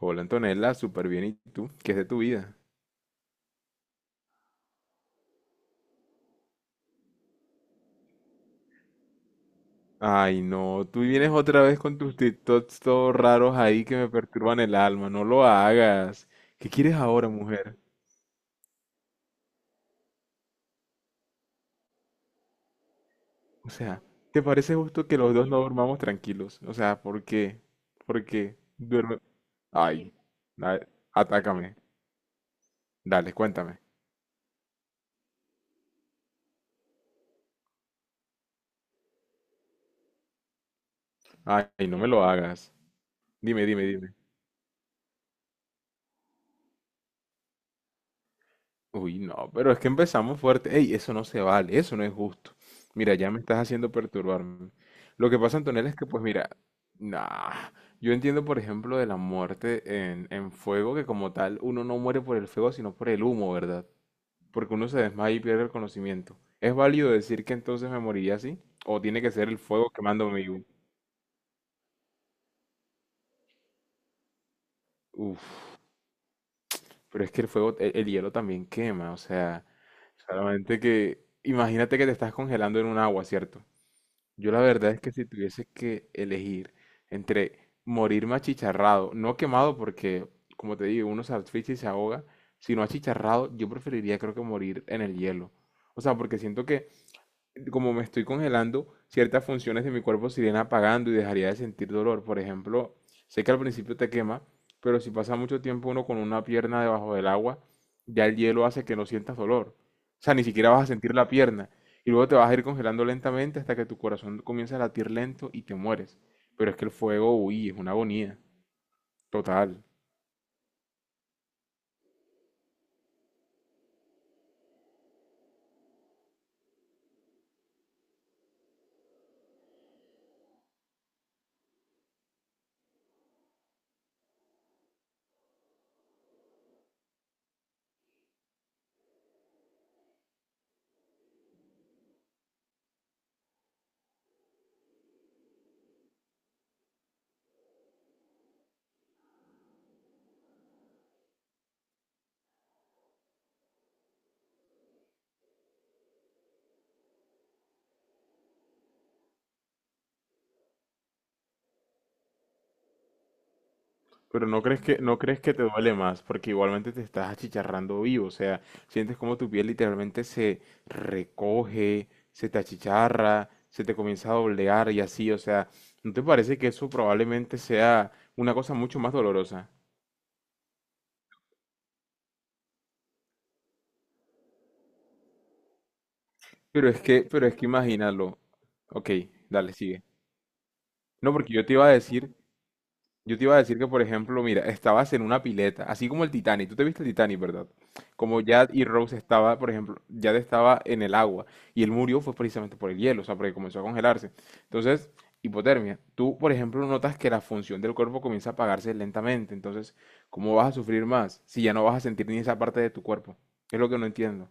Hola Antonella, súper bien. ¿Y tú? ¿Qué es de tu vida? Ay, no, tú vienes otra vez con tus TikToks todos raros ahí que me perturban el alma. No lo hagas. ¿Qué quieres ahora, mujer? O sea, ¿te parece justo que los dos no durmamos tranquilos? O sea, ¿por qué? ¿Por qué? Duerme. Ay, ay, atácame. Dale, cuéntame. Ay, no me lo hagas. Dime, dime, dime. Uy, no, pero es que empezamos fuerte. Ey, eso no se vale, eso no es justo. Mira, ya me estás haciendo perturbarme. Lo que pasa, Antonella, es que, pues mira, nah, yo entiendo, por ejemplo, de la muerte en fuego, que como tal uno no muere por el fuego, sino por el humo, ¿verdad? Porque uno se desmaya y pierde el conocimiento. ¿Es válido decir que entonces me moriría así? ¿O tiene que ser el fuego quemándome vivo? Uf, pero es que el fuego, el hielo también quema, o sea, solamente que, imagínate que te estás congelando en un agua, ¿cierto? Yo la verdad es que si tuviese que elegir entre morirme achicharrado, no quemado porque, como te digo, uno se asfixia y se ahoga, sino achicharrado, yo preferiría creo que morir en el hielo. O sea, porque siento que como me estoy congelando, ciertas funciones de mi cuerpo se irían apagando y dejaría de sentir dolor. Por ejemplo, sé que al principio te quema, pero si pasa mucho tiempo uno con una pierna debajo del agua, ya el hielo hace que no sientas dolor. O sea, ni siquiera vas a sentir la pierna. Y luego te vas a ir congelando lentamente hasta que tu corazón comienza a latir lento y te mueres. Pero es que el fuego, uy, es una agonía. Total. Pero no crees que te duele más, porque igualmente te estás achicharrando vivo, o sea, sientes como tu piel literalmente se recoge, se te achicharra, se te comienza a doblegar y así, o sea, ¿no te parece que eso probablemente sea una cosa mucho más dolorosa? Pero es que imagínalo. Ok, dale, sigue. No, porque yo te iba a decir que, por ejemplo, mira, estabas en una pileta, así como el Titanic. Tú te viste el Titanic, ¿verdad? Como Jad y Rose estaba, por ejemplo, Jad estaba en el agua y él murió fue precisamente por el hielo, o sea, porque comenzó a congelarse. Entonces, hipotermia. Tú, por ejemplo, notas que la función del cuerpo comienza a apagarse lentamente. Entonces, ¿cómo vas a sufrir más si ya no vas a sentir ni esa parte de tu cuerpo? Es lo que no entiendo.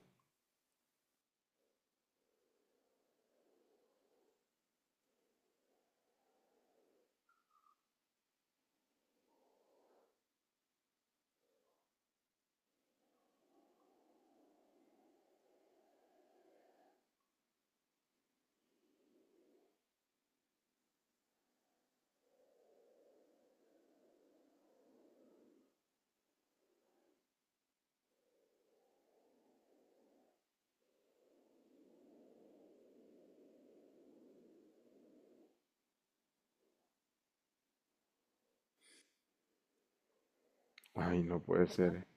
Ay, no puede ser.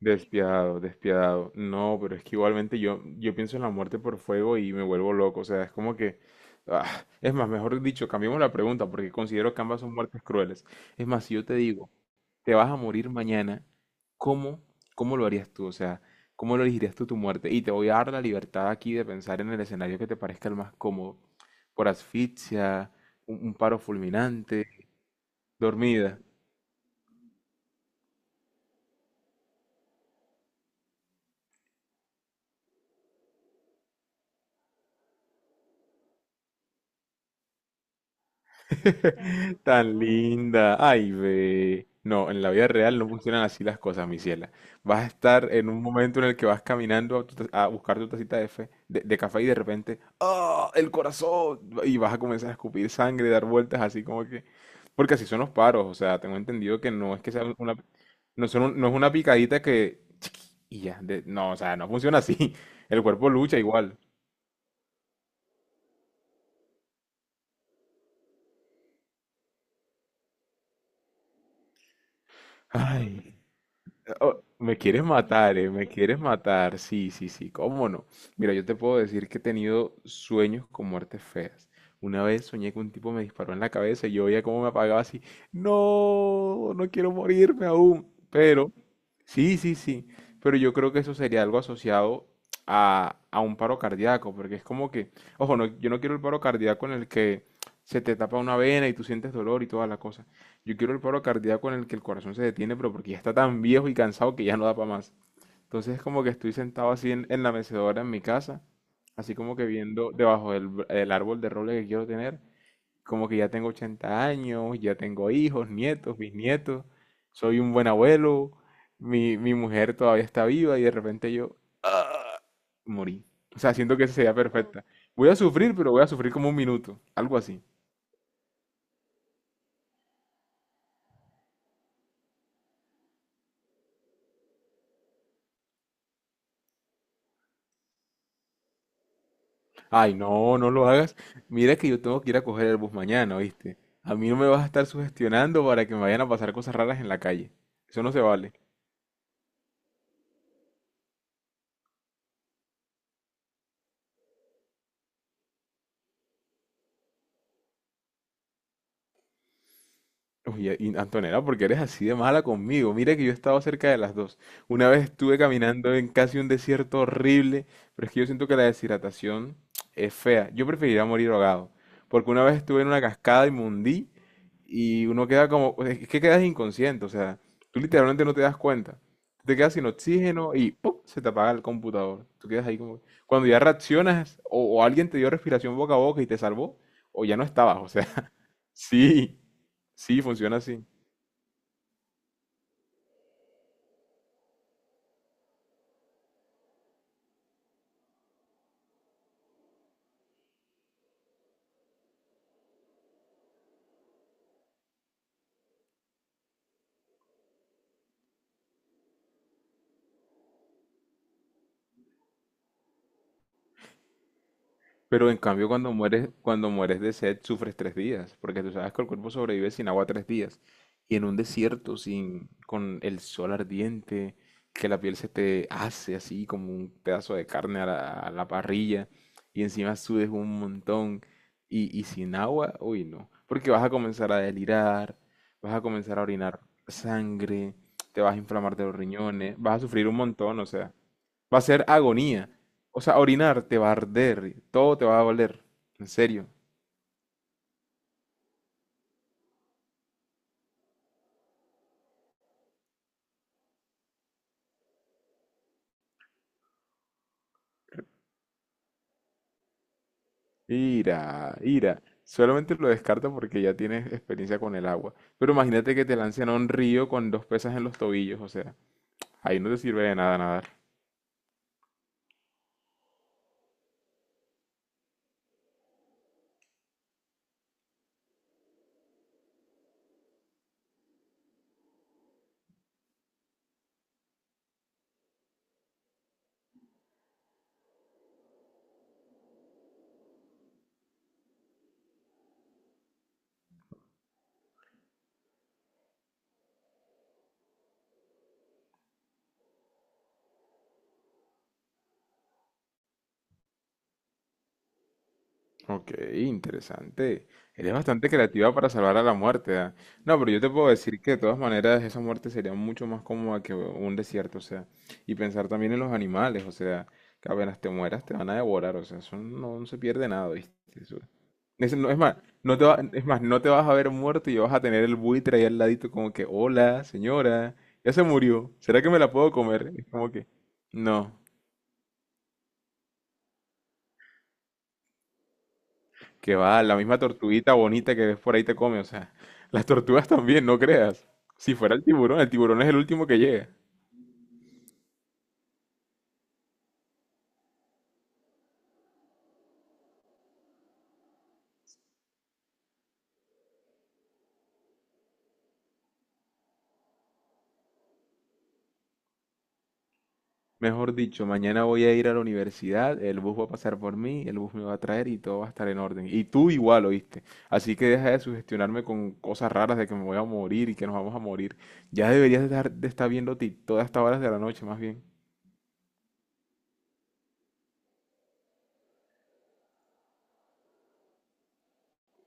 Despiadado, despiadado. No, pero es que igualmente yo pienso en la muerte por fuego y me vuelvo loco. O sea, es como que... ah, es más, mejor dicho, cambiemos la pregunta porque considero que ambas son muertes crueles. Es más, si yo te digo, te vas a morir mañana, ¿cómo, cómo lo harías tú? O sea, ¿cómo lo elegirías tú tu muerte? Y te voy a dar la libertad aquí de pensar en el escenario que te parezca el más cómodo. Por asfixia, un paro fulminante, dormida. Tan linda. Ay, ve. No, en la vida real no funcionan así las cosas, mi ciela. Vas a estar en un momento en el que vas caminando a buscar tu tacita de café y de repente, ¡ah! ¡El corazón! Y vas a comenzar a escupir sangre, dar vueltas así como que... Porque así son los paros, o sea, tengo entendido que no es que sea una... No, no es una picadita que... chiqui, Y ya, no, o sea, no funciona así. El cuerpo lucha igual. Ay. Oh, me quieres matar, me quieres matar. Sí, sí, sí, cómo no. Mira, yo te puedo decir que he tenido sueños con muertes feas. Una vez soñé que un tipo me disparó en la cabeza y yo veía cómo me apagaba así. No, no quiero morirme aún. Pero, sí, sí, sí. Pero yo creo que eso sería algo asociado a un paro cardíaco, porque es como que, ojo, no, yo no quiero el paro cardíaco en el que se te tapa una vena y tú sientes dolor y toda la cosa. Yo quiero el paro cardíaco en el que el corazón se detiene, pero porque ya está tan viejo y cansado que ya no da para más. Entonces es como que estoy sentado así en la mecedora en mi casa, así como que viendo debajo del árbol de roble que quiero tener, como que ya tengo 80 años, ya tengo hijos, nietos, bisnietos, soy un buen abuelo, mi mujer todavía está viva y de repente yo morí. O sea, siento que esa sería perfecta. Voy a sufrir, pero voy a sufrir como un minuto, algo así. Ay, no, no lo hagas. Mira que yo tengo que ir a coger el bus mañana, ¿oíste? A mí no me vas a estar sugestionando para que me vayan a pasar cosas raras en la calle. Eso no se vale. Oye, y Antonella, ¿por qué eres así de mala conmigo? Mira que yo he estado cerca de las dos. Una vez estuve caminando en casi un desierto horrible, pero es que yo siento que la deshidratación es fea. Yo preferiría morir ahogado, porque una vez estuve en una cascada y me hundí y uno queda como, es que quedas inconsciente, o sea, tú literalmente no te das cuenta. Te quedas sin oxígeno y ¡pum! Se te apaga el computador. Tú quedas ahí como... Cuando ya reaccionas o alguien te dio respiración boca a boca y te salvó, o ya no estabas, o sea, sí. Sí, funciona así. Pero en cambio, cuando mueres de sed, sufres 3 días, porque tú sabes que el cuerpo sobrevive sin agua 3 días. Y en un desierto, sin, con el sol ardiente, que la piel se te hace así como un pedazo de carne a la parrilla, y encima sudes un montón, y sin agua, uy, no. Porque vas a comenzar a delirar, vas a comenzar a orinar sangre, te vas a inflamar de los riñones, vas a sufrir un montón, o sea. Va a ser agonía. O sea, orinar te va a arder, todo te va a doler. En serio. Ira, ira. Solamente lo descarta porque ya tienes experiencia con el agua. Pero imagínate que te lancen a un río con dos pesas en los tobillos, o sea, ahí no te sirve de nada nadar. Ok, interesante. Eres bastante creativa para salvar a la muerte, ¿ah? No, pero yo te puedo decir que de todas maneras esa muerte sería mucho más cómoda que un desierto, o sea, y pensar también en los animales, o sea, que apenas te mueras te van a devorar, o sea, eso no, no se pierde nada, ¿viste? Eso- Es, no- es más, no te va- Es más, no te vas a ver muerto y vas a tener el buitre ahí al ladito como que, hola, señora, ya se murió, ¿será que me la puedo comer? Es como que, no. Que va, la misma tortuguita bonita que ves por ahí te come, o sea, las tortugas también, no creas. Si fuera el tiburón es el último que llega. Mejor dicho, mañana voy a ir a la universidad, el bus va a pasar por mí, el bus me va a traer y todo va a estar en orden. Y tú igual, ¿oíste? Así que deja de sugestionarme con cosas raras de que me voy a morir y que nos vamos a morir. Ya deberías de estar viendo ti todas estas horas de la noche, más bien.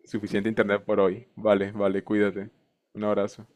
Suficiente internet por hoy. Vale, vale, cuídate. Un abrazo.